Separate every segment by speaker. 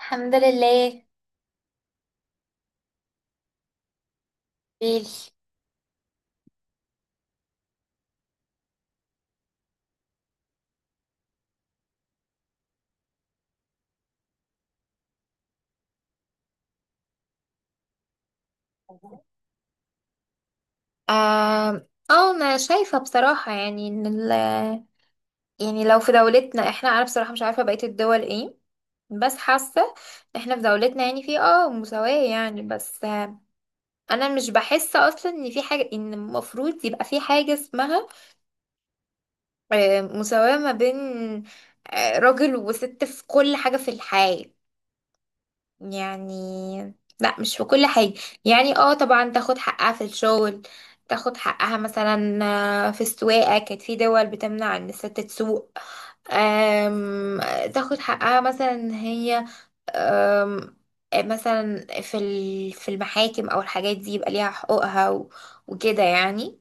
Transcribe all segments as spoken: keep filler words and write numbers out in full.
Speaker 1: الحمد لله. بيل. آه اه انا شايفة بصراحة يعني ان ال يعني لو في دولتنا احنا انا بصراحة مش عارفة بقية الدول ايه، بس حاسة احنا في دولتنا يعني في اه مساواة يعني، بس آه انا مش بحس اصلا ان في حاجة، ان المفروض يبقى في حاجة اسمها آه مساواة ما بين آه راجل وست في كل حاجة في الحياة. يعني لا، مش في كل حاجة. يعني اه طبعا تاخد حقها في الشغل، تاخد حقها مثلا آه، في السواقة، كانت في دول بتمنع ان الست تسوق. آم، تاخد حقها مثلا إن هي آم، مثلا في ال- في المحاكم او الحاجات دي، يبقى ليها حقوقها و- وكده يعني.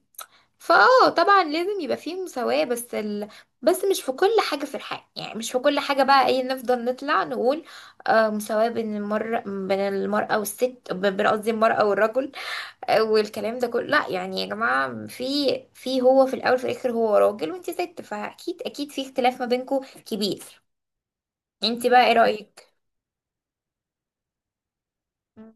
Speaker 1: فاه طبعا لازم يبقى فيه مساواة، بس ال... بس مش في كل حاجة في الحياة. يعني مش في كل حاجة بقى، ايه، نفضل نطلع نقول آه مساواة بين المر... بين المرأة والست ب- بين، قصدي، المرأة والرجل. آه والكلام ده كله، لا يعني يا جماعة، في في هو، في الأول في الآخر، هو راجل وانت ست، فأكيد أكيد في اختلاف ما بينكم كبير. انت بقى ايه رأيك؟ مم.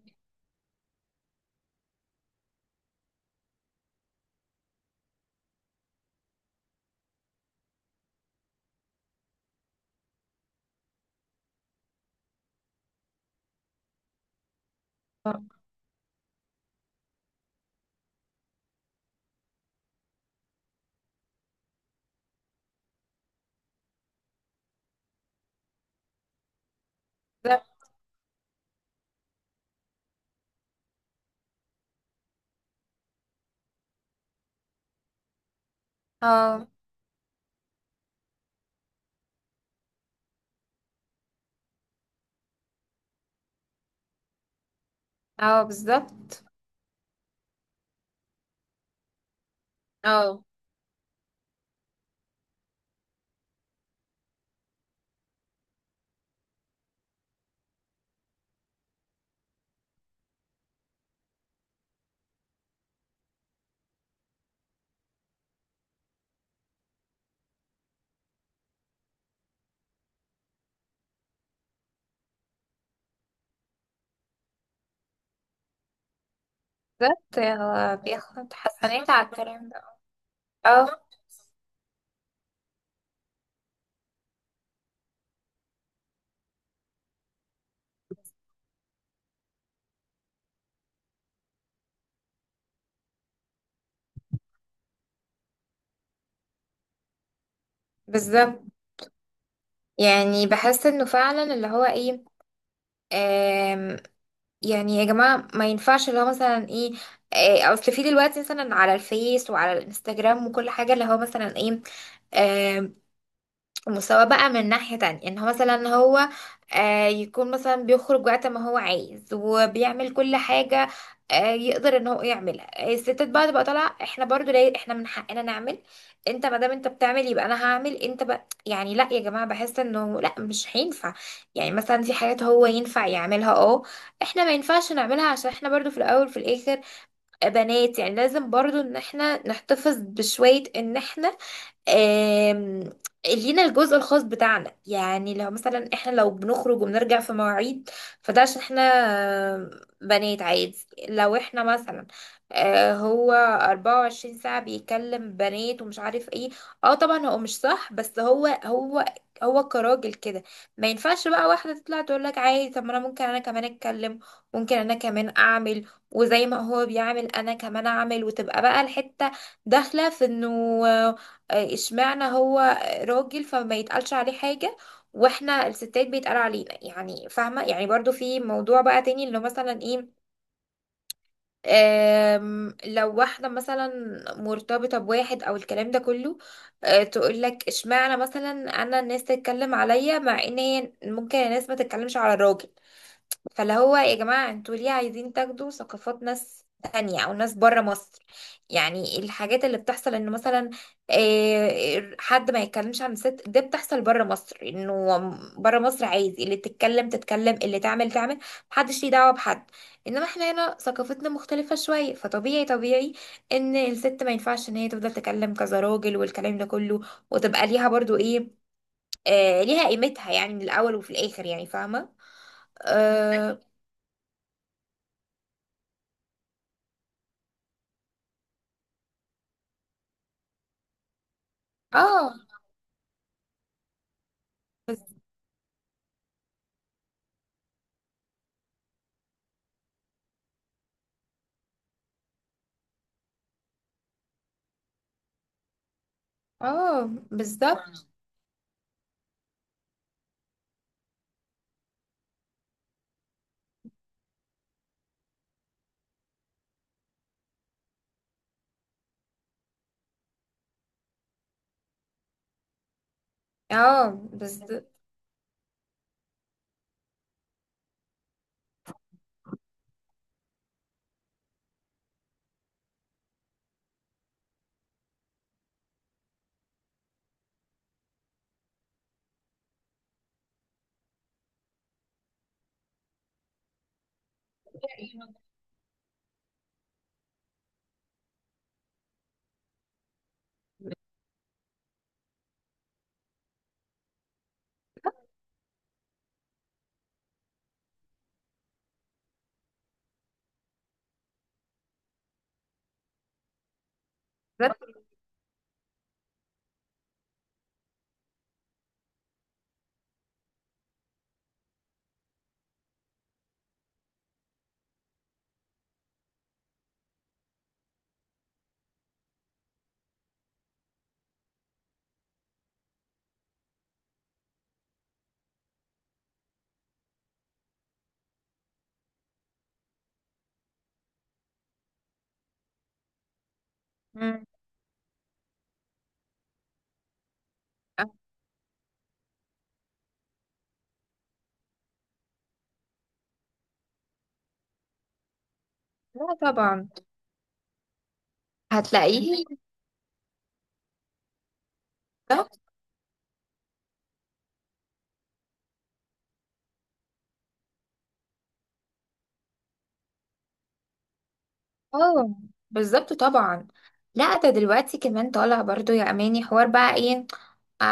Speaker 1: اه، بالظبط. اه آه، بالظبط. اه، بالظبط. آه، بياخد حسنات على الكلام ده. اه، بالظبط. يعني بحس انه فعلا اللي هو ايه، آم، يعني يا جماعة ما ينفعش اللي هو مثلا ايه، آه، اصل في دلوقتي مثلا على الفيس وعلى الانستجرام وكل حاجة، اللي هو مثلا ايه، مساواة بقى من ناحية تانية، ان هو مثلا هو آه يكون مثلا بيخرج وقت ما هو عايز وبيعمل كل حاجة، آه يقدر ان هو يعملها، الستات بقى تبقى طالعة، احنا برضو ليه، احنا من حقنا نعمل. انت ما دام انت بتعمل يبقى انا هعمل. انت بقى، يعني لا يا جماعة، بحس انه لا، مش هينفع. يعني مثلا في حاجات هو ينفع يعملها، اه، احنا ما ينفعش نعملها، عشان احنا برضو في الاول في الاخر آه، بنات. يعني لازم برضو ان احنا نحتفظ بشوية، ان احنا آم، لينا الجزء الخاص بتاعنا. يعني لو مثلا احنا لو بنخرج وبنرجع في مواعيد، فده عشان احنا آم، بنات، عادي. لو احنا مثلا آه، هو أربعة وعشرين ساعة بيكلم بنات ومش عارف ايه، اه طبعا هو مش صح، بس هو هو هو كراجل كده، ما ينفعش بقى واحدة تطلع تقول لك عادي، طب ما انا ممكن انا كمان اتكلم، ممكن انا كمان اعمل وزي ما هو بيعمل انا كمان اعمل، وتبقى بقى الحتة داخلة في انه آه، اشمعنى هو راجل فما يتقالش عليه حاجة، واحنا الستات بيتقال علينا، يعني فاهمة. يعني برضو في موضوع بقى تاني اللي هو مثلا ايه، آم، لو واحدة مثلا مرتبطة بواحد او الكلام ده كله، آه، تقول لك اشمعنى مثلا انا الناس تتكلم عليا مع ان هي ممكن الناس ما تتكلمش على الراجل. فاللي هو يا جماعة، انتوا ليه عايزين تاخدوا ثقافات ناس تانية او ناس بره مصر؟ يعني الحاجات اللي بتحصل ان مثلا آه، حد ما يتكلمش عن الست، ده بتحصل بره مصر، انه بره مصر عايز اللي تتكلم تتكلم، اللي تعمل تعمل، محدش ليه دعوة بحد. انما احنا هنا ثقافتنا مختلفة شوية، فطبيعي طبيعي ان الست ما ينفعش ان هي تفضل تتكلم كذا راجل والكلام ده كله. وتبقى ليها برضو ايه، آه ليها قيمتها يعني من الاول وفي الاخر، يعني فاهمة. آه. اه. اه، بالظبط. اه، بالظبط. مم. لا طبعا. هتلاقيه. بالظبط. اه، بالظبط طبعا. لا، ده دلوقتي كمان طالع برضو يا اماني حوار بقى ايه، آه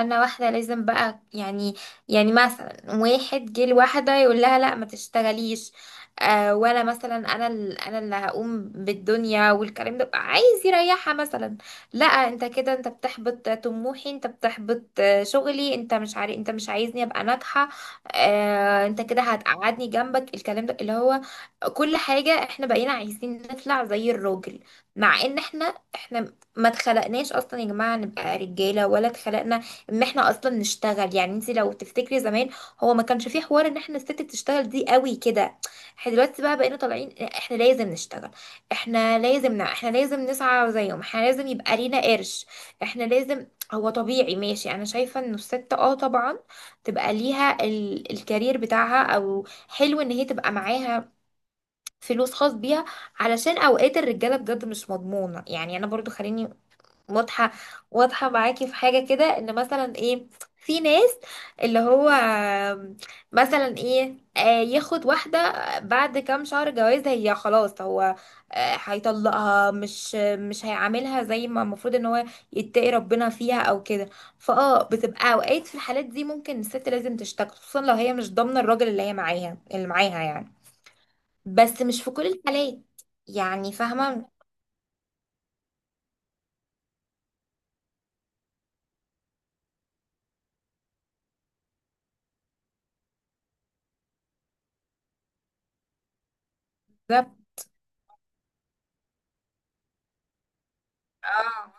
Speaker 1: انا واحده لازم بقى يعني. يعني مثلا واحد جه لواحده يقول لها لا ما تشتغليش، آه ولا مثلا انا ال- انا اللي هقوم بالدنيا والكلام ده، عايز يريحها مثلا. لا، انت كده انت بتحبط طموحي، انت بتحبط آه، شغلي، انت مش عارف، انت مش عايزني ابقى ناجحه. آه انت كده هتقعدني جنبك، الكلام ده اللي هو كل حاجه احنا بقينا عايزين نطلع زي الراجل. مع ان احنا احنا ما اتخلقناش اصلا يا جماعه نبقى رجاله، ولا اتخلقنا ان احنا اصلا نشتغل. يعني انت لو تفتكري زمان، هو ما كانش فيه حوار ان احنا الست بتشتغل دي قوي كده. احنا دلوقتي بقى بقينا طالعين احنا لازم نشتغل، احنا لازم نع... احنا لازم نسعى زيهم، احنا لازم يبقى لينا قرش، احنا لازم... هو طبيعي، ماشي انا شايفه انه الست اه طبعا تبقى ليها ال... الكارير بتاعها، او حلو ان هي تبقى معاها فلوس خاص بيها علشان اوقات الرجاله بجد مش مضمونه. يعني انا برضو، خليني واضحة. واضحة معاكي في حاجة كده، ان مثلا ايه، في ناس اللي هو مثلا ايه، آه، ياخد واحدة بعد كام شهر جواز هي خلاص، هو آه، هيطلقها، مش مش هيعاملها زي ما المفروض ان هو يتقي ربنا فيها او كده. فاه بتبقى اوقات في الحالات دي ممكن الست لازم تشتكي، خصوصا لو هي مش ضامنة الراجل اللي هي معاها، اللي معاها يعني. بس مش في كل الحالات. يعني فاهمة. ده. اه.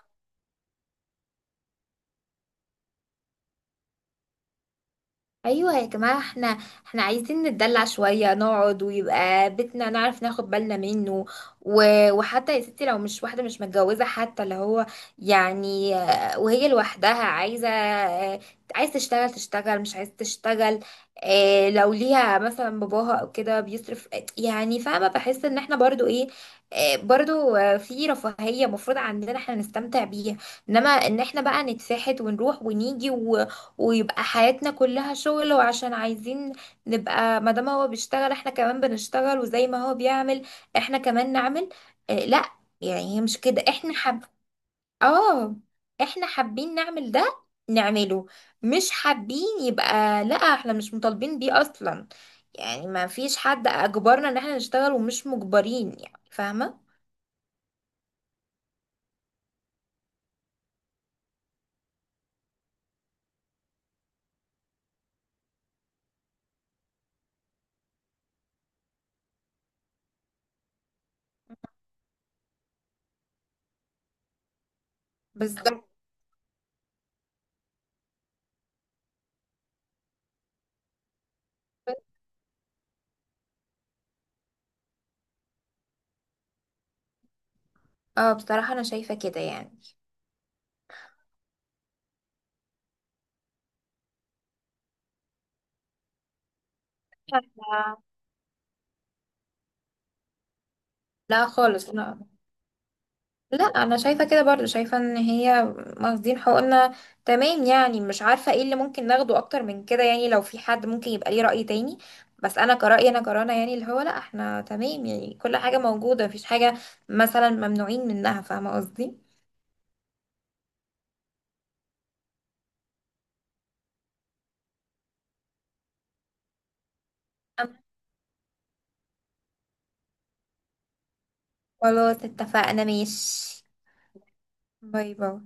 Speaker 1: ايوه يا جماعه، احنا احنا عايزين نتدلع شويه، نقعد ويبقى بيتنا نعرف ناخد بالنا منه و... وحتى يا ستي لو مش واحده مش متجوزه، حتى اللي هو يعني آه، وهي لوحدها عايزه آه، عايز تشتغل تشتغل، مش عايز تشتغل. آه، لو ليها مثلا باباها او كده بيصرف، آه، يعني فاهمه، بحس ان احنا برضو ايه، آه، برضو آه، في رفاهيه مفروض عندنا احنا نستمتع بيها. انما ان احنا بقى نتفحت ونروح ونيجي ويبقى حياتنا كلها شغل، وعشان عايزين نبقى ما دام هو بيشتغل احنا كمان بنشتغل، وزي ما هو بيعمل احنا كمان نعمل، اه لا. يعني هي مش كده، احنا حب اه احنا حابين نعمل ده نعمله، مش حابين يبقى لا، احنا مش مطالبين بيه اصلا. يعني ما فيش حد اجبرنا ان احنا نشتغل، ومش مجبرين، يعني فاهمة. بس ده اه بصراحة انا شايفة كده يعني. لا خالص، لا، لا انا شايفه كده برضو، شايفه ان هي واخدين حقوقنا تمام، يعني مش عارفه ايه اللي ممكن ناخده اكتر من كده. يعني لو في حد ممكن يبقى ليه رأي تاني، بس انا كرأيي، انا كرنا يعني، اللي هو لا احنا تمام، يعني كل حاجه موجوده، مفيش حاجه مثلا ممنوعين منها فاهمه قصدي. أم- خلاص اتفقنا ماشي. باي باي.